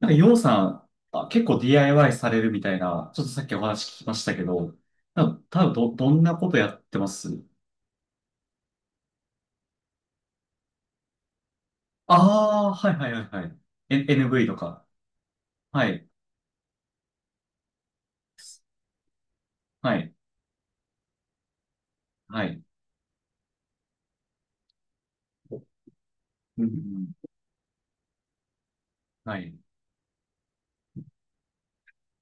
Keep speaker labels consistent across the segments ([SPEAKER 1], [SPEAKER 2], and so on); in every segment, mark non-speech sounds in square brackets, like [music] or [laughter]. [SPEAKER 1] なんか、ようさん、あ、結構 DIY されるみたいな、ちょっとさっきお話聞きましたけど、なんか多分どんなことやってます？ああー、はいはいはいはい。NV とか。はい、はい、はい。うん、うん。はい、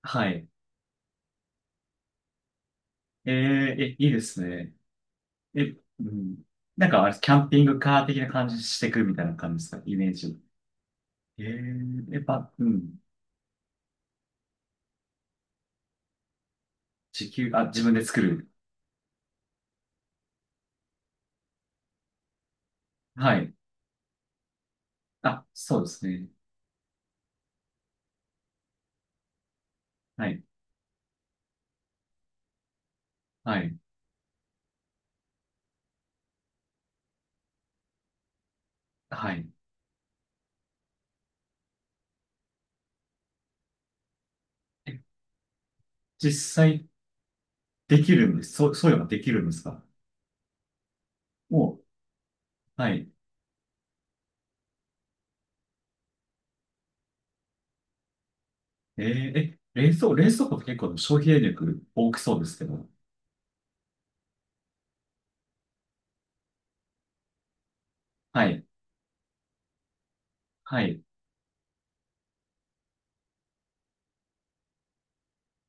[SPEAKER 1] はい。ええ、いいですね。え、うん。なんかあれ、キャンピングカー的な感じしてくみたいな感じですか、イメージ？やっぱ、うん。時給、あ、自分で作る？はい。あ、そうですね。はい、はい、はい。え実際できるんです、そういうのができるんですか？もう、はい。えー、え、冷蔵庫って結構消費電力大きそうですけど。はい。はい。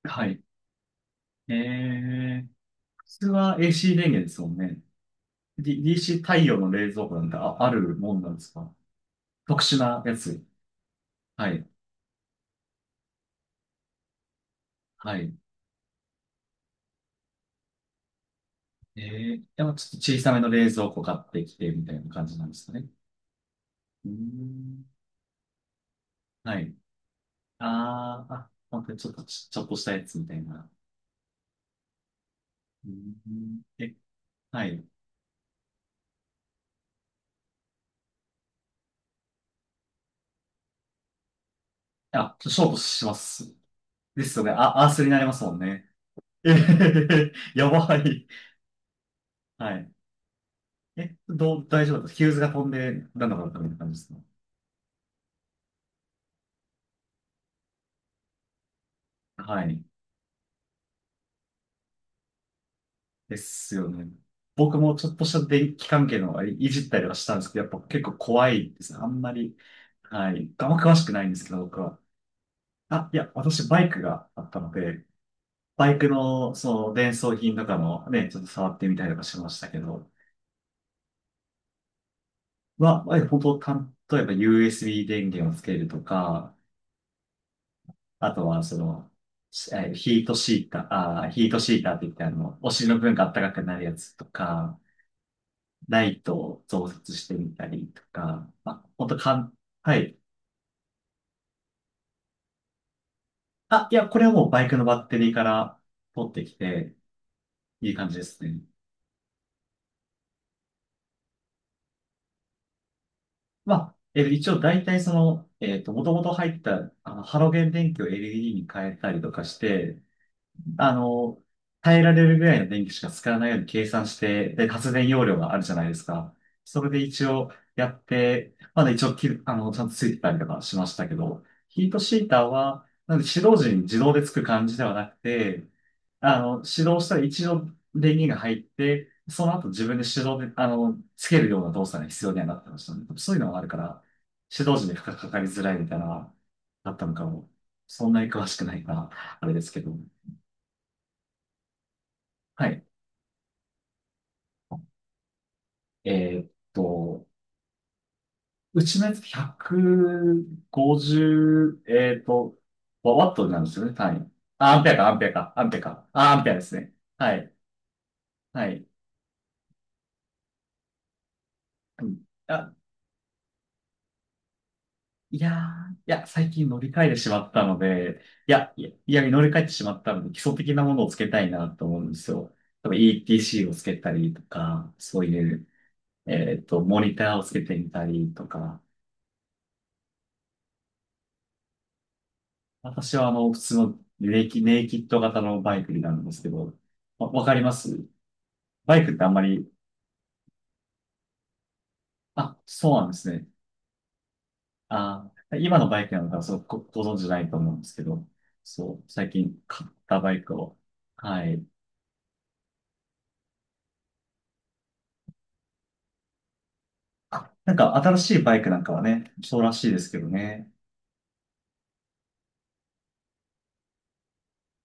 [SPEAKER 1] はい。えー、普通は AC 電源ですもんね。DC 太陽の冷蔵庫なんてあるもんなんですか？特殊なやつ。はい。はい。えでもちょっと小さめの冷蔵庫買ってきてみたいな感じなんですかね。うーん。はい。あー、あ、本当にちょっとちょっとしたやつみたいな。うーん。え、はい。あ、ショートします。ですよね。あ、アースになりますもんね。えへへへ、やばい。はい。え、大丈夫だった？ヒューズが飛んで、なんだかった、みたいな感じですね。はい。ですよね。僕もちょっとした電気関係のいいじったりはしたんですけど、やっぱ結構怖いですね。あんまり、はい。あんま詳しくないんですけど、僕は。あ、いや、私バイクがあったので、バイクの、その、伝装品とかもね、ちょっと触ってみたりとかしましたけど、まあ、本当、例えば USB 電源をつけるとか、あとは、その、しえーヒートシーター、あー、ヒートシーターって言って、あの、お尻の部分が暖かくなるやつとか、ライトを増設してみたりとか、まあ、本当かん、はい。あ、いや、これはもうバイクのバッテリーから取ってきて、いい感じですね。まあ、一応大体その、もともと入った、あの、ハロゲン電気を LED に変えたりとかして、あの、耐えられるぐらいの電気しか使わないように計算して、で、発電容量があるじゃないですか。それで一応やって、まだ一応あの、ちゃんとついてたりとかしましたけど、ヒートシーターは、なんで指導時に自動でつく感じではなくて、あの、始動したら一度電源が入って、その後自分で手動で、あの、つけるような動作が必要にはなってましたね。そういうのがあるから、指導時に負荷かかりづらいみたいなのがあったのかも。そんなに詳しくないから、あれですけど。はい。えーっと、うちのやつ150、ワットになるんですよね、単位。あ、アンペアか、アンペアか、アンペアか。あ、アンペアですね。はい、はい。うん、あ、いやー、いや、最近乗り換えてしまったので、いや、いや、いや乗り換えてしまったので、基礎的なものをつけたいなと思うんですよ。多分 ETC をつけたりとか、そういう、モニターをつけてみたりとか、私はあの、普通のネイキッド型のバイクになるんですけど、わかります？バイクってあんまり、あ、そうなんですね。あ、今のバイクなのか、そう、ご存知ないと思うんですけど、そう、最近買ったバイクを、はい。あ、なんか新しいバイクなんかはね、そうらしいですけどね。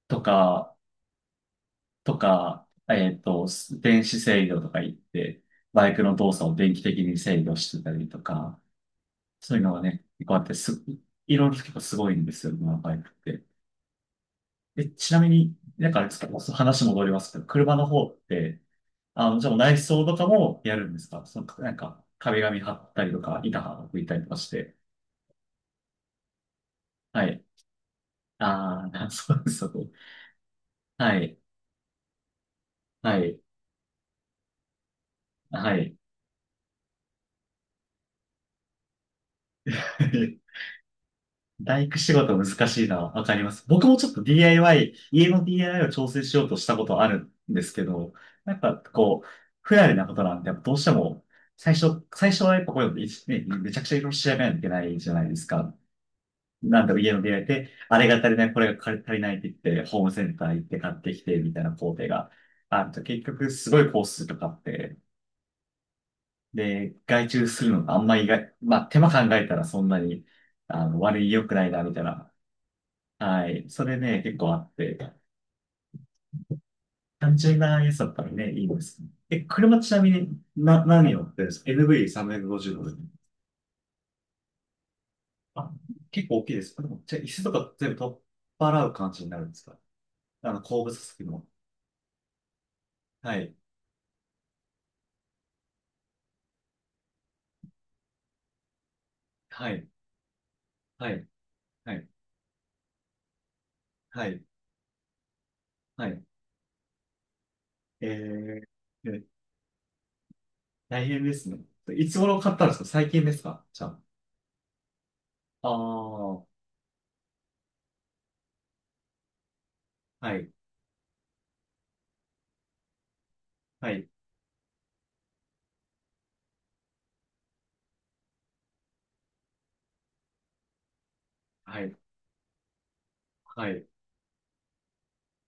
[SPEAKER 1] とか、とか、電子制御とか言って、バイクの動作を電気的に制御してたりとか、そういうのがね、結構あって、いろいろ結構すごいんですよ、今のバイクって。え、ちなみに、なんかあれです、話戻りますけど、車の方って、あの、じゃあもう内装とかもやるんですか？その、なんか、壁紙貼ったりとか、板貼っていたりとかして。はい。ああ、[laughs] そうです、そうです。はい。はい。はい。はい。 [laughs] 大工仕事難しいな。わかります。僕もちょっと DIY、家の DIY を調整しようとしたことあるんですけど、やっぱこう、不慣れなことなんで、やっぱどうしても、最初はやっぱこういうの、いちね、めちゃくちゃいろいろ調べないといけないじゃないですか。なんだろう、家の DIY で、あれが足りない、これが足りないって言って、ホームセンター行って買ってきて、みたいな工程があると、結局すごいコースとかあって、で、外注するのがあんまりがまあ手間考えたらそんなに、あの、悪い良くないな、みたいな。はい。それね、結構あって、単純なやつだったらね、いいです。え、車ちなみに、何乗ってるんですか？ NV350 ドル。あ、結構大きいです。でもじゃあ、椅子とか全部取っ払う感じになるんですか？あの、後部座席も。はい。はい。はい。はい。はい。はい。えー、え大変ですね。いつ頃買ったんですか？最近ですかじゃあ？ああ、はい。はい。はい。はい。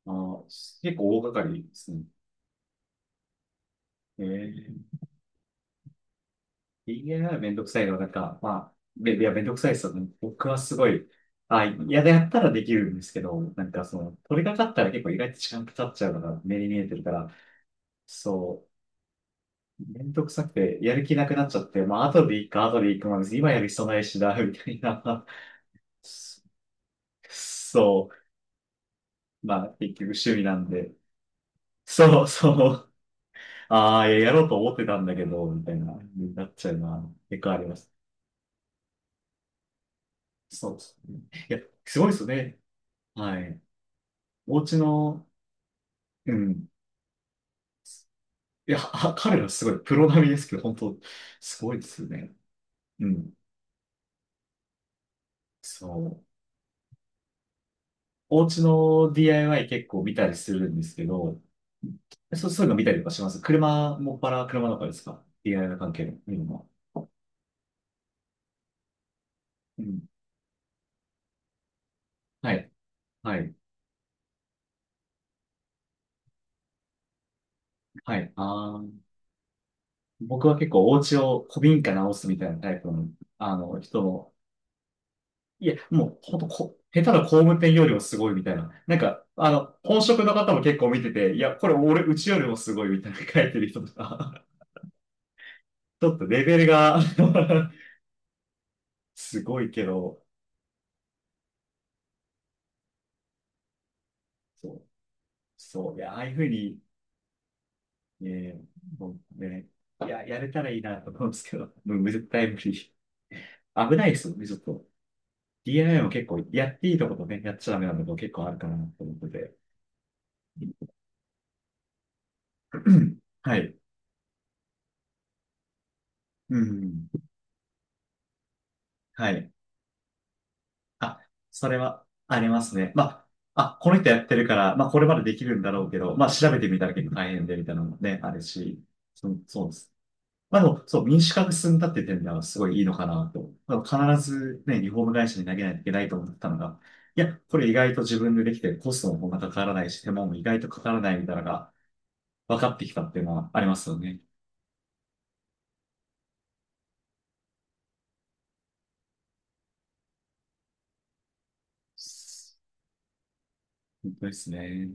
[SPEAKER 1] あー、結構大掛かりですね。えー DIY めんどくさいのは、なんか、まあ、めいや、めんどくさいですよね。僕はすごい、あ、嫌ややったらできるんですけど、なんかその、取り掛かったら結構意外と時間かかっちゃうのが目に見えてるから、そう、めんどくさくて、やる気なくなっちゃって、まあ、後でいいか、後でいいか、まあ、別に今やる必要ないしな、みたいな。そそう、まあ、結局趣味なんで、そう、そう、ああ、いややろうと思ってたんだけど、みたいな、になっちゃうな、結構あります。そうですね。いや、すごいですね。はい。お家の、うん。いや、彼らすごい、プロ並みですけど、本当すごいですよね。うん。そう。お家の DIY 結構見たりするんですけど、そう、そういうの見たりとかします。車、もっぱら車の中ですか？ DIY 関係の見るのは。うん。はい。はい。はい。あー、僕は結構お家を古民家直すみたいなタイプの、あの、人の、いや、もう、ほんと、下手な工務店よりもすごいみたいな。なんか、あの、本職の方も結構見てて、いや、これ俺、うちよりもすごいみたいな書いてる人とか、[laughs] ちょっとレベルが [laughs] すごいけど、そう、そう、いや、ああいうふうに、ね、もうね、いや、やれたらいいなと思うんですけど、もう絶対無理。危ないですよね、ちょっと。DIY も結構、やっていいとことね、やっちゃダメなとこ結構あるかなと思ってて。[clears throat] はい。うん。はい。あ、それはありますね。まあ、あ、この人やってるから、まあ、これまでできるんだろうけど、まあ、調べてみたら結構大変で、みたいなのもね、あるし、そうです。まあ、でも、そう、民主化が進んだっていう点ではすごいいいのかなと。まあ必ずね、リフォーム会社に投げないといけないと思ったのが、いや、これ意外と自分でできて、コストもこんなかからないし、手間も意外とかからないみたいなのが分かってきたっていうのはありますよね。本当ですね。